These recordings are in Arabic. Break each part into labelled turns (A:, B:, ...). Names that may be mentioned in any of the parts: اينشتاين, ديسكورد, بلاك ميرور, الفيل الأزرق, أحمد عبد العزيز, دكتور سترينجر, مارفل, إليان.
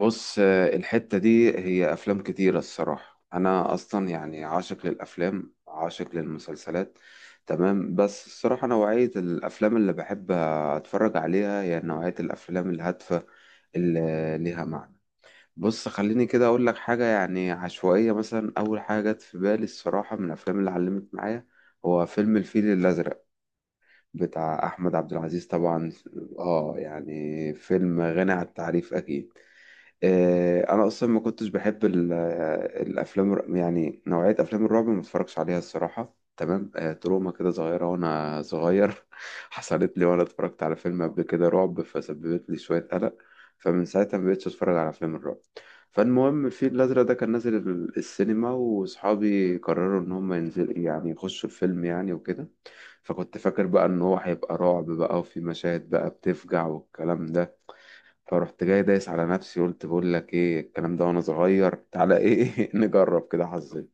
A: بص، الحتة دي هي أفلام كتيرة الصراحة. أنا أصلا يعني عاشق للأفلام، عاشق للمسلسلات. تمام. بس الصراحة نوعية الأفلام اللي بحب أتفرج عليها هي نوعية الأفلام الهادفة اللي ليها معنى. بص، خليني كده أقول لك حاجة يعني عشوائية. مثلا أول حاجة جت في بالي الصراحة من الأفلام اللي علمت معايا هو فيلم الفيل الأزرق، بتاع أحمد عبد العزيز طبعا. آه، يعني فيلم غني عن التعريف أكيد. انا اصلا ما كنتش بحب يعني نوعيه افلام الرعب ما اتفرجش عليها الصراحه. تمام. تروما كده صغيره وانا صغير حصلت لي وانا اتفرجت على فيلم قبل كده رعب فسببت لي شويه قلق. فمن ساعتها ما بقتش اتفرج على افلام الرعب. فالمهم الفيل الازرق ده كان نازل السينما، واصحابي قرروا ان هم ينزل يعني يخشوا الفيلم يعني وكده. فكنت فاكر بقى ان هو هيبقى رعب بقى، وفي مشاهد بقى بتفجع والكلام ده. فرحت جاي دايس على نفسي قلت بقول لك ايه الكلام ده وانا صغير، تعالى ايه نجرب كده حظي.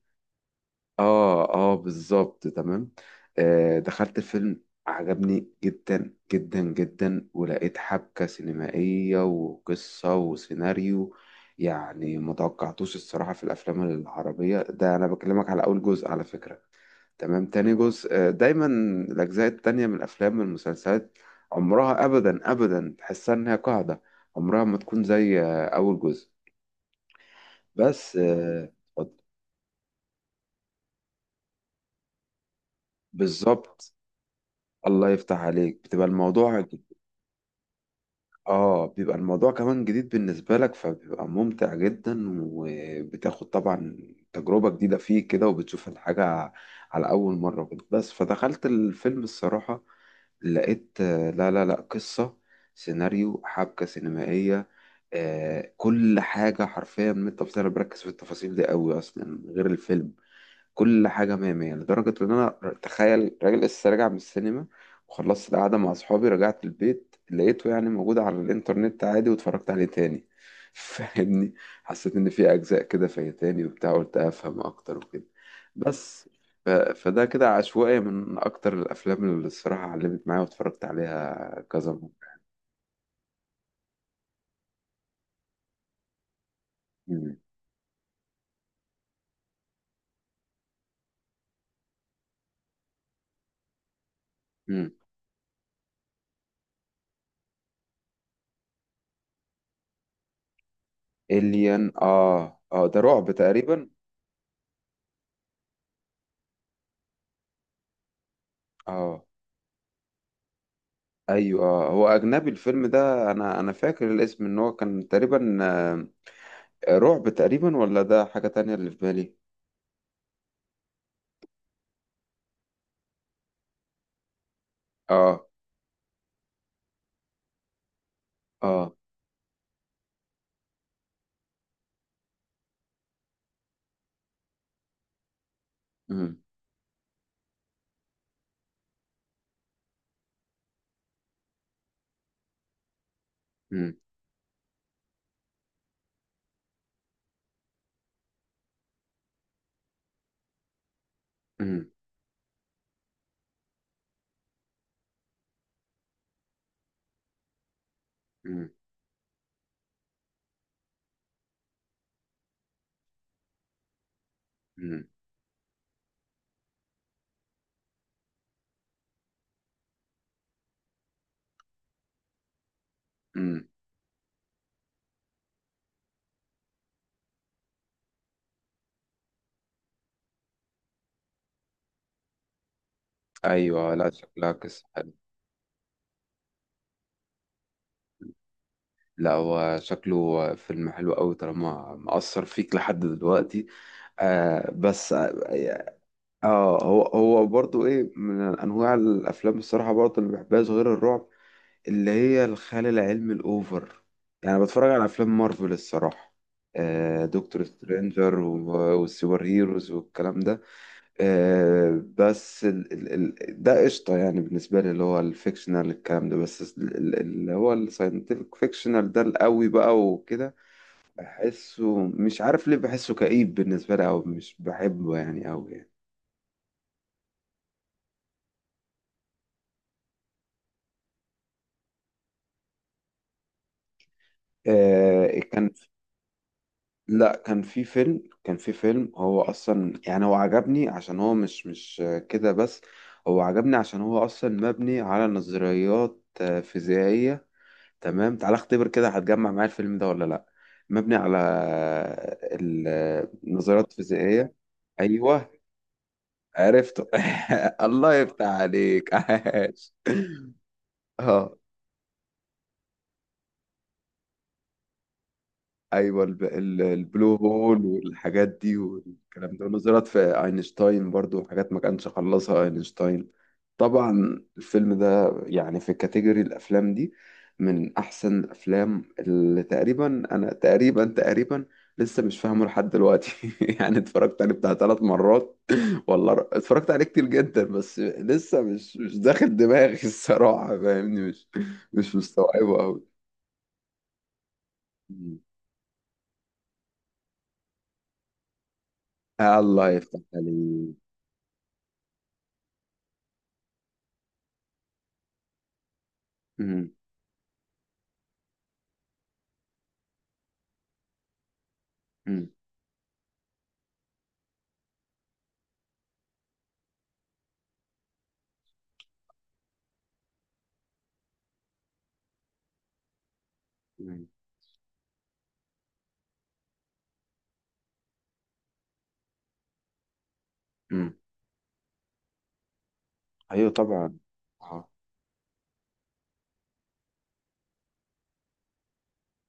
A: اه، اه، بالظبط تمام. دخلت الفيلم، عجبني جدا جدا جدا ولقيت حبكة سينمائية وقصة وسيناريو. يعني متوقعتوش الصراحة في الأفلام العربية. ده أنا بكلمك على أول جزء على فكرة. تمام. تاني جزء دايما الأجزاء التانية من الأفلام والمسلسلات عمرها أبدا أبدا تحسها إنها قاعدة، عمرها ما تكون زي أول جزء. بس بالظبط. الله يفتح عليك، بتبقى الموضوع. اه، بيبقى الموضوع كمان جديد بالنسبة لك فبيبقى ممتع جدا وبتاخد طبعا تجربة جديدة فيه كده، وبتشوف الحاجة على أول مرة كده. بس فدخلت الفيلم الصراحة، لقيت لا، لا، لا، قصة، سيناريو، حبكة سينمائية، كل حاجة حرفيا. من التفاصيل أنا بركز في التفاصيل دي قوي أصلا غير الفيلم. كل حاجة مية مية لدرجة إن أنا، تخيل راجل لسه راجع من السينما وخلصت القعدة مع أصحابي، رجعت البيت لقيته يعني موجود على الإنترنت عادي واتفرجت عليه تاني. فاهمني. حسيت إن في أجزاء كده فايتاني وبتاع، قلت أفهم أكتر وكده. بس فده كده عشوائي من أكتر الأفلام اللي الصراحة علمت معايا واتفرجت عليها كذا مرة. مم. مم. إليان، آه، آه، ده رعب تقريبا. آه. ايوه، هو اجنبي الفيلم ده، انا فاكر الاسم ان هو كان تقريبا رعب تقريبا، ولا ده حاجة تانية اللي في بالي؟ اه. اه. امم. امم. امم. امم. امم. أمم. ايوه، لا، شكلها قصة حلوة. لا، هو شكله فيلم حلو قوي طالما مأثر فيك لحد دلوقتي. آه، بس اه. هو برضو ايه من انواع الافلام الصراحة برضو اللي بحبها غير الرعب، اللي هي الخيال العلمي الأوفر. يعني بتفرج على أفلام مارفل الصراحة، دكتور سترينجر والسوبر هيروز والكلام ده. بس ال ده قشطة يعني بالنسبة لي، اللي هو الفيكشنال الكلام ده، بس اللي هو الساينتفك فيكشنال ده القوي بقى وكده. بحسه، مش عارف ليه بحسه كئيب بالنسبة لي أو مش بحبه يعني أوي يعني. كان، لا، كان في فيلم، هو اصلا يعني هو عجبني عشان هو مش كده بس. هو عجبني عشان هو اصلا مبني على نظريات فيزيائية. تمام، تعال اختبر كده هتجمع معايا الفيلم ده ولا لا؟ مبني على النظريات الفيزيائية. ايوه، عرفته. الله يفتح عليك عاش. اه. ايوه، البلو هول والحاجات دي والكلام ده، ونظرت في اينشتاين، برضو حاجات ما كانش خلصها اينشتاين. طبعا الفيلم ده يعني في كاتيجوري الافلام دي من احسن الافلام. اللي تقريبا انا تقريبا لسه مش فاهمه لحد دلوقتي. يعني اتفرجت عليه بتاع 3 مرات. والله، اتفرجت عليه كتير جدا بس لسه مش داخل دماغي. الصراحة فاهمني، مش مستوعبه قوي. الله يفتح عليك. مم. مم. مم. مم. ايوه طبعا. اه،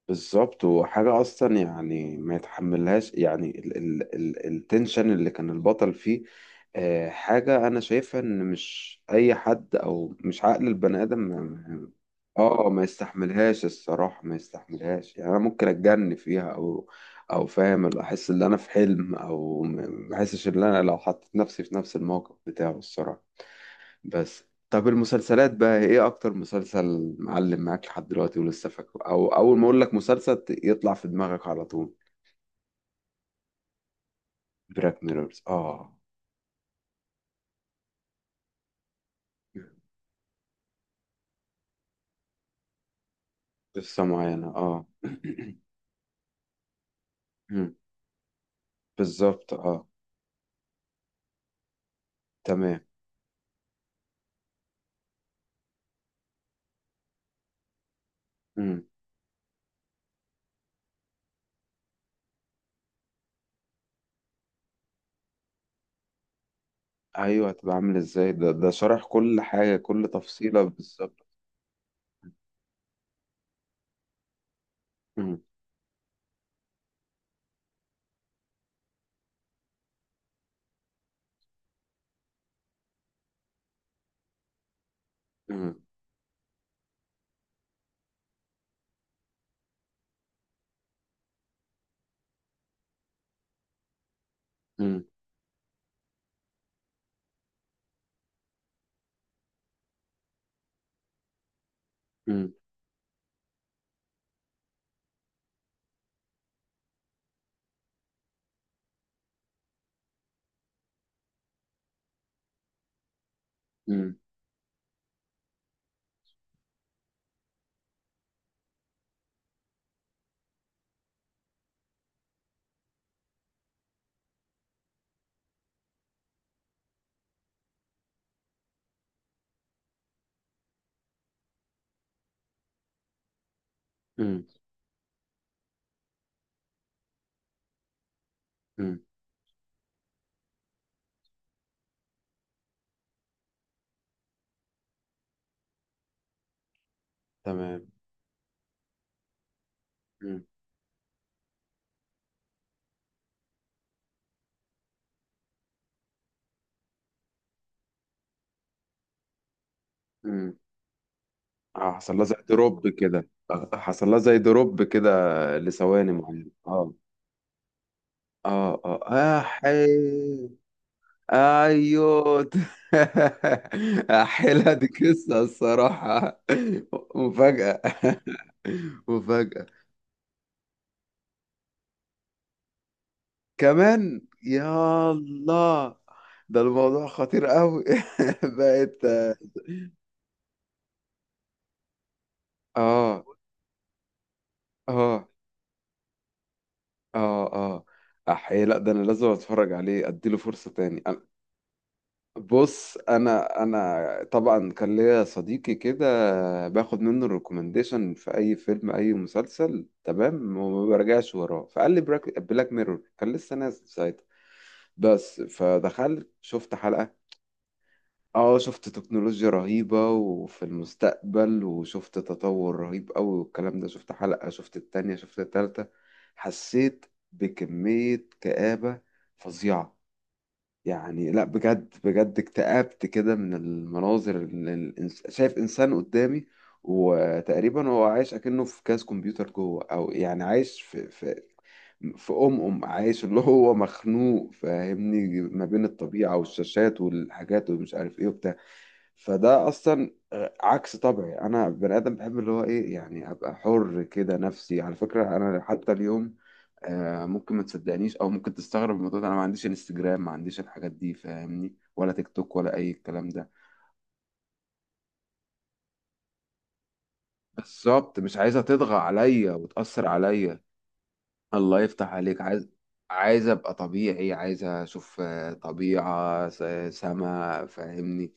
A: بالظبط. وحاجه اصلا يعني ما يتحملهاش، يعني ال ال ال التنشن اللي كان البطل فيه. حاجه انا شايفها ان مش اي حد او مش عقل البني ادم اه، ما يستحملهاش الصراحه، ما يستحملهاش يعني. انا ممكن اتجن فيها او فاهم، اللي احس ان انا في حلم او ما احسش ان انا لو حطيت نفسي في نفس الموقف بتاعه الصراحه. بس. طب المسلسلات بقى، ايه اكتر مسلسل معلم معاك لحد دلوقتي ولسه فاكره، او اول ما اقول لك مسلسل يطلع في دماغك على طول؟ براك ميرورز، اه. قصة معينة، اه. مم. بالظبط، اه، تمام. مم. ايوه، هتبقى عامل ازاي. ده شرح كل حاجة كل تفصيلة بالظبط. مم. مم. مم. مم. مم. مم. مم. تمام. مم. مم. حصل لها زي دروب كده، لثواني معينة، اه، اه، اه، احي. ايوه. احيلها، دي قصة الصراحة. مفاجأة. مفاجأة. كمان يا الله. ده الموضوع خطير قوي. بقت. اه، اه، اه، اه، احيي. لا، ده انا لازم اتفرج عليه اديله فرصة تاني. بص، انا طبعا كان ليا صديقي كده، باخد منه الريكومنديشن في اي فيلم، اي مسلسل تمام، وما برجعش وراه. فقال لي بلاك ميرور، كان لسه نازل ساعتها بس. فدخلت شفت حلقة، اه، شفت تكنولوجيا رهيبة وفي المستقبل، وشفت تطور رهيب قوي والكلام ده. شفت حلقة، شفت التانية، شفت التالتة، حسيت بكمية كآبة فظيعة. يعني لا، بجد بجد اكتئبت كده من المناظر اللي شايف انسان قدامي، وتقريبا هو عايش اكنه في كاس كمبيوتر جوه، او يعني عايش في في في ام ام عايش، اللي هو مخنوق. فاهمني، ما بين الطبيعة والشاشات والحاجات ومش عارف ايه وبتاع. فده اصلا عكس طبعي. انا بني ادم بحب اللي هو ايه، يعني ابقى حر كده. نفسي على فكرة انا حتى اليوم، ممكن ما تصدقنيش او ممكن تستغرب من الموضوع ده، انا ما عنديش انستجرام، ما عنديش الحاجات دي فاهمني، ولا تيك توك، ولا اي الكلام ده. بالظبط، مش عايزه تطغى عليا وتاثر عليا. الله يفتح عليك. عايز، عايز ابقى طبيعي، عايز اشوف طبيعة، سما، فاهمني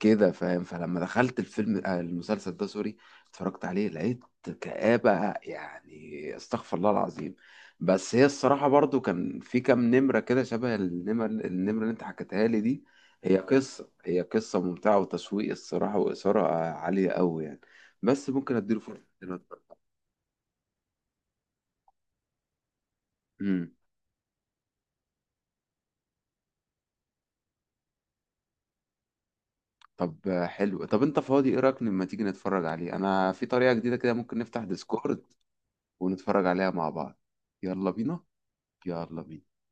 A: كده، فاهم. فلما دخلت الفيلم آه، المسلسل ده، سوري، اتفرجت عليه لقيت كآبة يعني، استغفر الله العظيم. بس هي الصراحة برضو كان في كام نمرة كده شبه النمرة اللي انت حكيتها لي دي. هي قصة ممتعة وتشويق الصراحة وإثارة عالية قوي يعني. بس ممكن اديله فرصة دلوقتي. مم. طب حلو. طب انت فاضي؟ ايه رايك لما تيجي نتفرج عليه انا في طريقة جديدة كده، ممكن نفتح ديسكورد ونتفرج عليها مع بعض. يلا بينا. يلا بينا.